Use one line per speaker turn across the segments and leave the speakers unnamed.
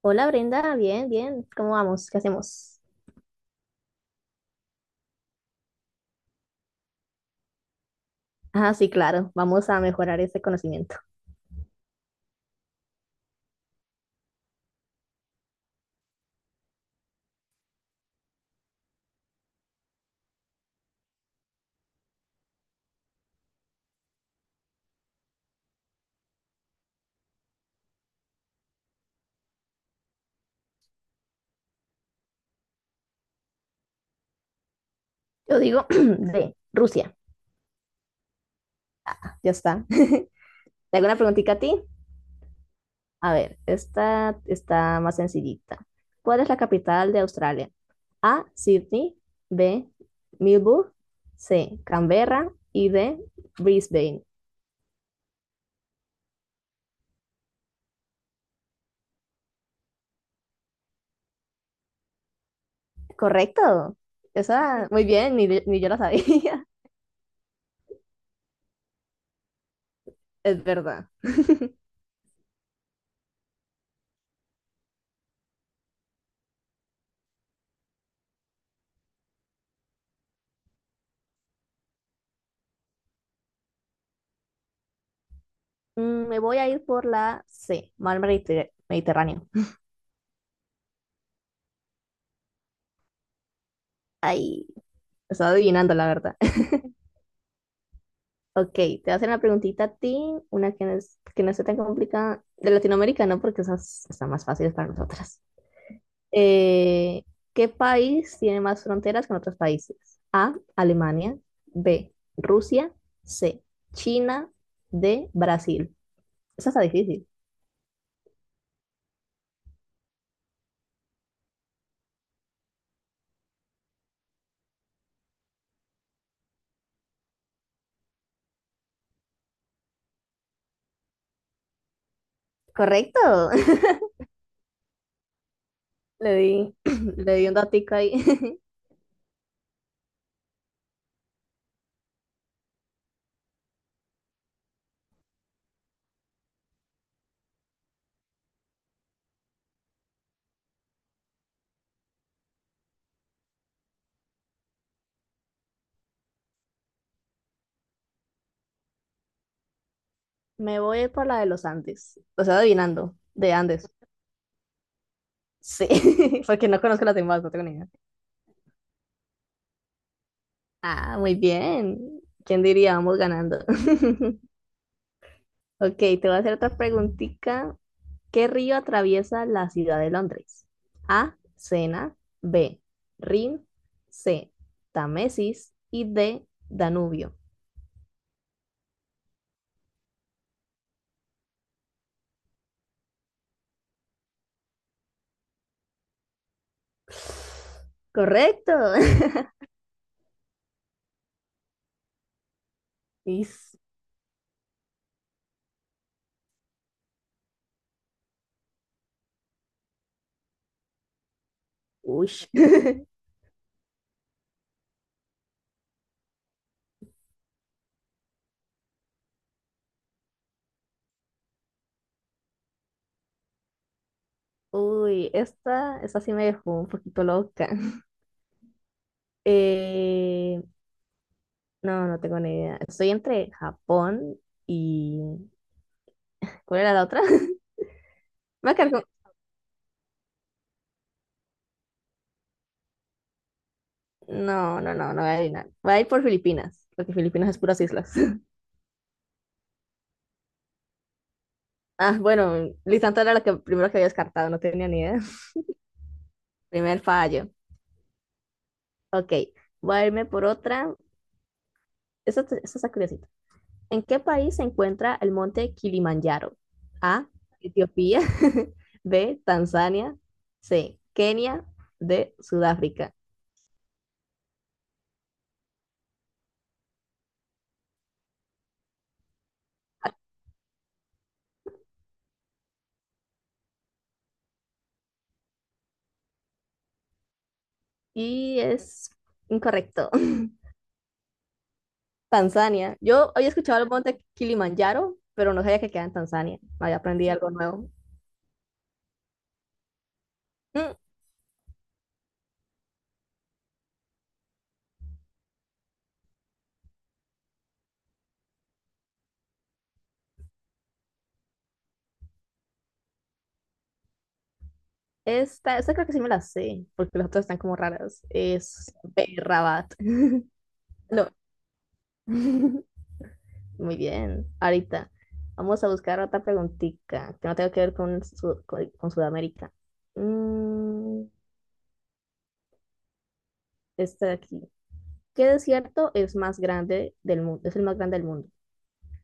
Hola Brenda, bien, bien. ¿Cómo vamos? ¿Qué hacemos? Ah, sí, claro. Vamos a mejorar ese conocimiento. Yo digo de Rusia. Ya está. ¿Te hago una preguntita a ti? A ver, esta está más sencillita. ¿Cuál es la capital de Australia? A, Sydney, B, Melbourne, C, Canberra y D, Brisbane. Correcto. Esa, muy bien, ni yo la sabía. Es verdad. Me voy a ir por la C, mar Mediterráneo. Ay, estaba adivinando la verdad. Ok, te voy a hacer una preguntita a ti, una que que no sea tan complicada. De Latinoamérica, no, porque esas están más fáciles para nosotras. Eh, ¿Qué país tiene más fronteras con otros países? A, Alemania, B, Rusia, C, China, D, Brasil. Esa está difícil. Correcto. Le di, le di un datico ahí. Me voy por la de los Andes. O sea, adivinando, de Andes. Sí, porque no conozco las demás, no tengo ni idea. Ah, muy bien. ¿Quién diría? Vamos ganando. Ok, te voy a hacer otra preguntita. ¿Qué río atraviesa la ciudad de Londres? A. Sena. B. Rin. C. Tamesis. Y D. Danubio. Correcto. Is- Uy. Uy, esta sí me dejó un poquito loca. Eh, no tengo ni idea. Estoy entre Japón y… ¿Cuál era la otra? Voy a quedar con- No, no voy a adivinar. Voy a ir por Filipinas, porque Filipinas es puras islas. Ah, bueno, Lisandro era la que primero que había descartado, no tenía ni idea. Primer fallo. Ok, voy a irme por otra. Esta está curiosita. ¿En qué país se encuentra el monte Kilimanjaro? A, Etiopía. B, Tanzania. C, Kenia. D, Sudáfrica. Y es incorrecto. Tanzania. Yo había escuchado el monte Kilimanjaro, pero no sabía que queda en Tanzania. Había aprendido algo nuevo. Mm, esta creo que sí me la sé, porque las otras están como raras. Es Berrabat. No. Muy bien. Ahorita vamos a buscar otra preguntita que no tenga que ver con Sudamérica. Mm, esta de aquí. ¿Qué desierto es más grande del mundo? Es el más grande del mundo.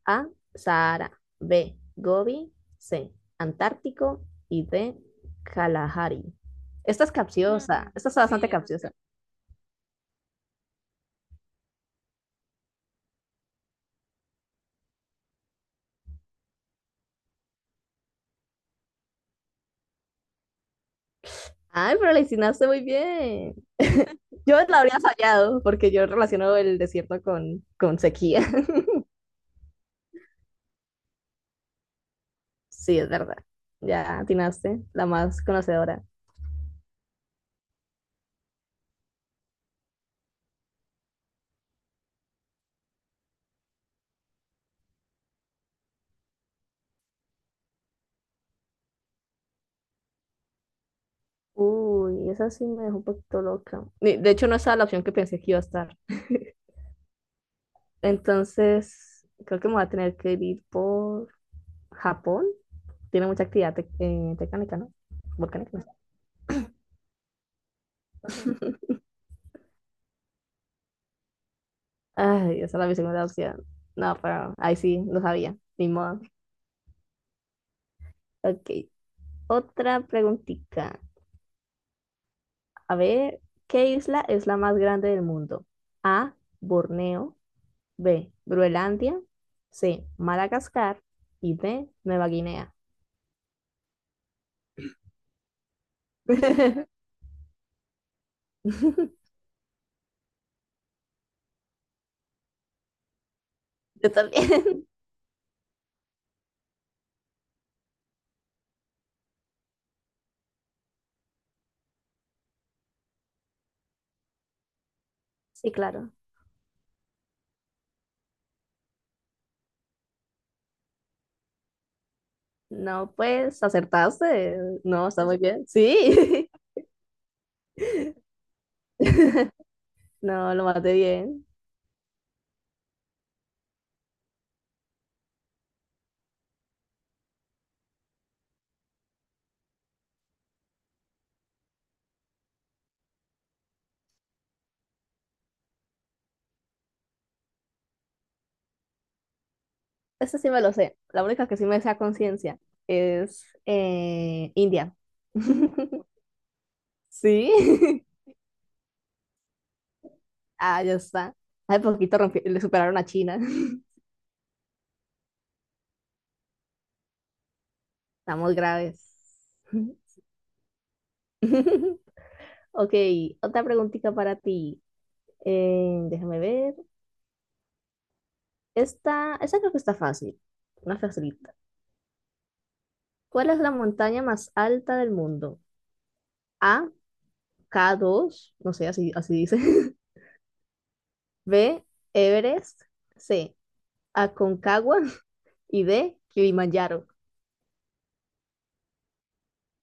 A. Sahara. B. Gobi. C. Antártico. Y D. Kalahari. Esta es capciosa. Esta es sí, bastante esa capciosa. Ay, pero la hiciste muy bien. Yo la habría fallado porque yo relaciono el desierto con sequía. Sí, es verdad. Ya atinaste, la más conocedora. Uy, esa sí me dejó un poquito loca. Ni- De hecho, no estaba la opción que pensé que iba a estar. Entonces, creo que me voy a tener que ir por Japón. Tiene mucha actividad tectónica, ¿no? Volcánica, no sé. Ay, esa era mi segunda opción. No, pero ahí sí, lo sabía, ni modo. Ok, otra preguntita. A ver, ¿qué isla es la más grande del mundo? A, Borneo, B, Groenlandia, C, Madagascar y D, Nueva Guinea. Yo también. Sí, claro. No, pues acertaste. No, está muy bien. Sí. No, lo maté bien. Este sí me lo sé. La única que sí me sé a conciencia es India. Sí. Ah, ya está. Hace poquito le superaron a China. Estamos graves. Ok, otra preguntita para ti. Déjame ver. Esta, esa creo que está fácil. Una facilita. ¿Cuál es la montaña más alta del mundo? A, k dos, no sé, así, así dice. B, Everest. C, Aconcagua. Y D, Kilimanjaro.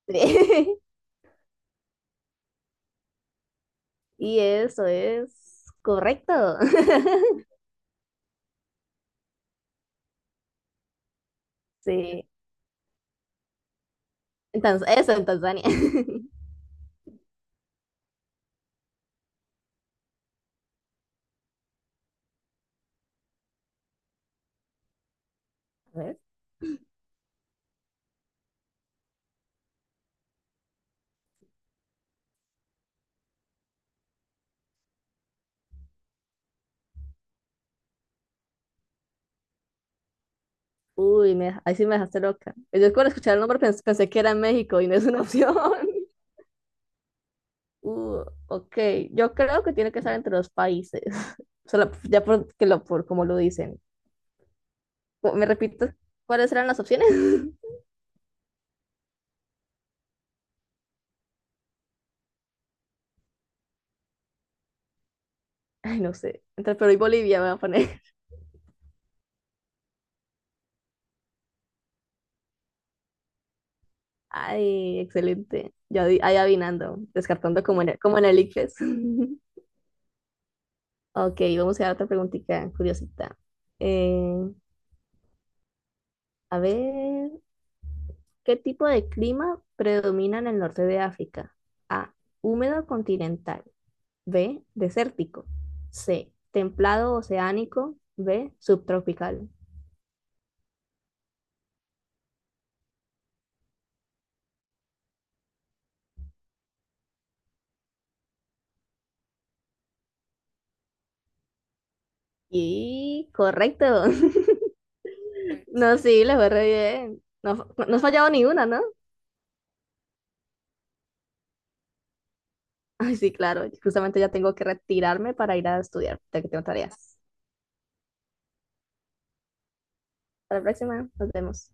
Y eso es correcto. Sí. Eso en Tanzania. A ver. Uy, ahí sí me dejaste loca. Yo cuando escuchar el nombre pensé, que era en México y no es una opción. Ok, yo creo que tiene que estar entre los países. Solo, ya por, que lo, por como lo dicen. ¿Me repito, cuáles eran las opciones? Ay, no sé. Entre Perú y Bolivia me voy a poner. Ay, excelente. Yo ahí adivinando, descartando como en el ICFES. Ok, vamos a dar otra preguntita curiosita. Eh, a ver, ¿qué tipo de clima predomina en el norte de África? A, húmedo continental. B, desértico. C, templado oceánico. B, subtropical. Y correcto. No, sí, le fue re bien. No, no has fallado ni una, ¿no? Ay, sí, claro. Justamente ya tengo que retirarme para ir a estudiar, ya que tengo tareas. Para la próxima, nos vemos.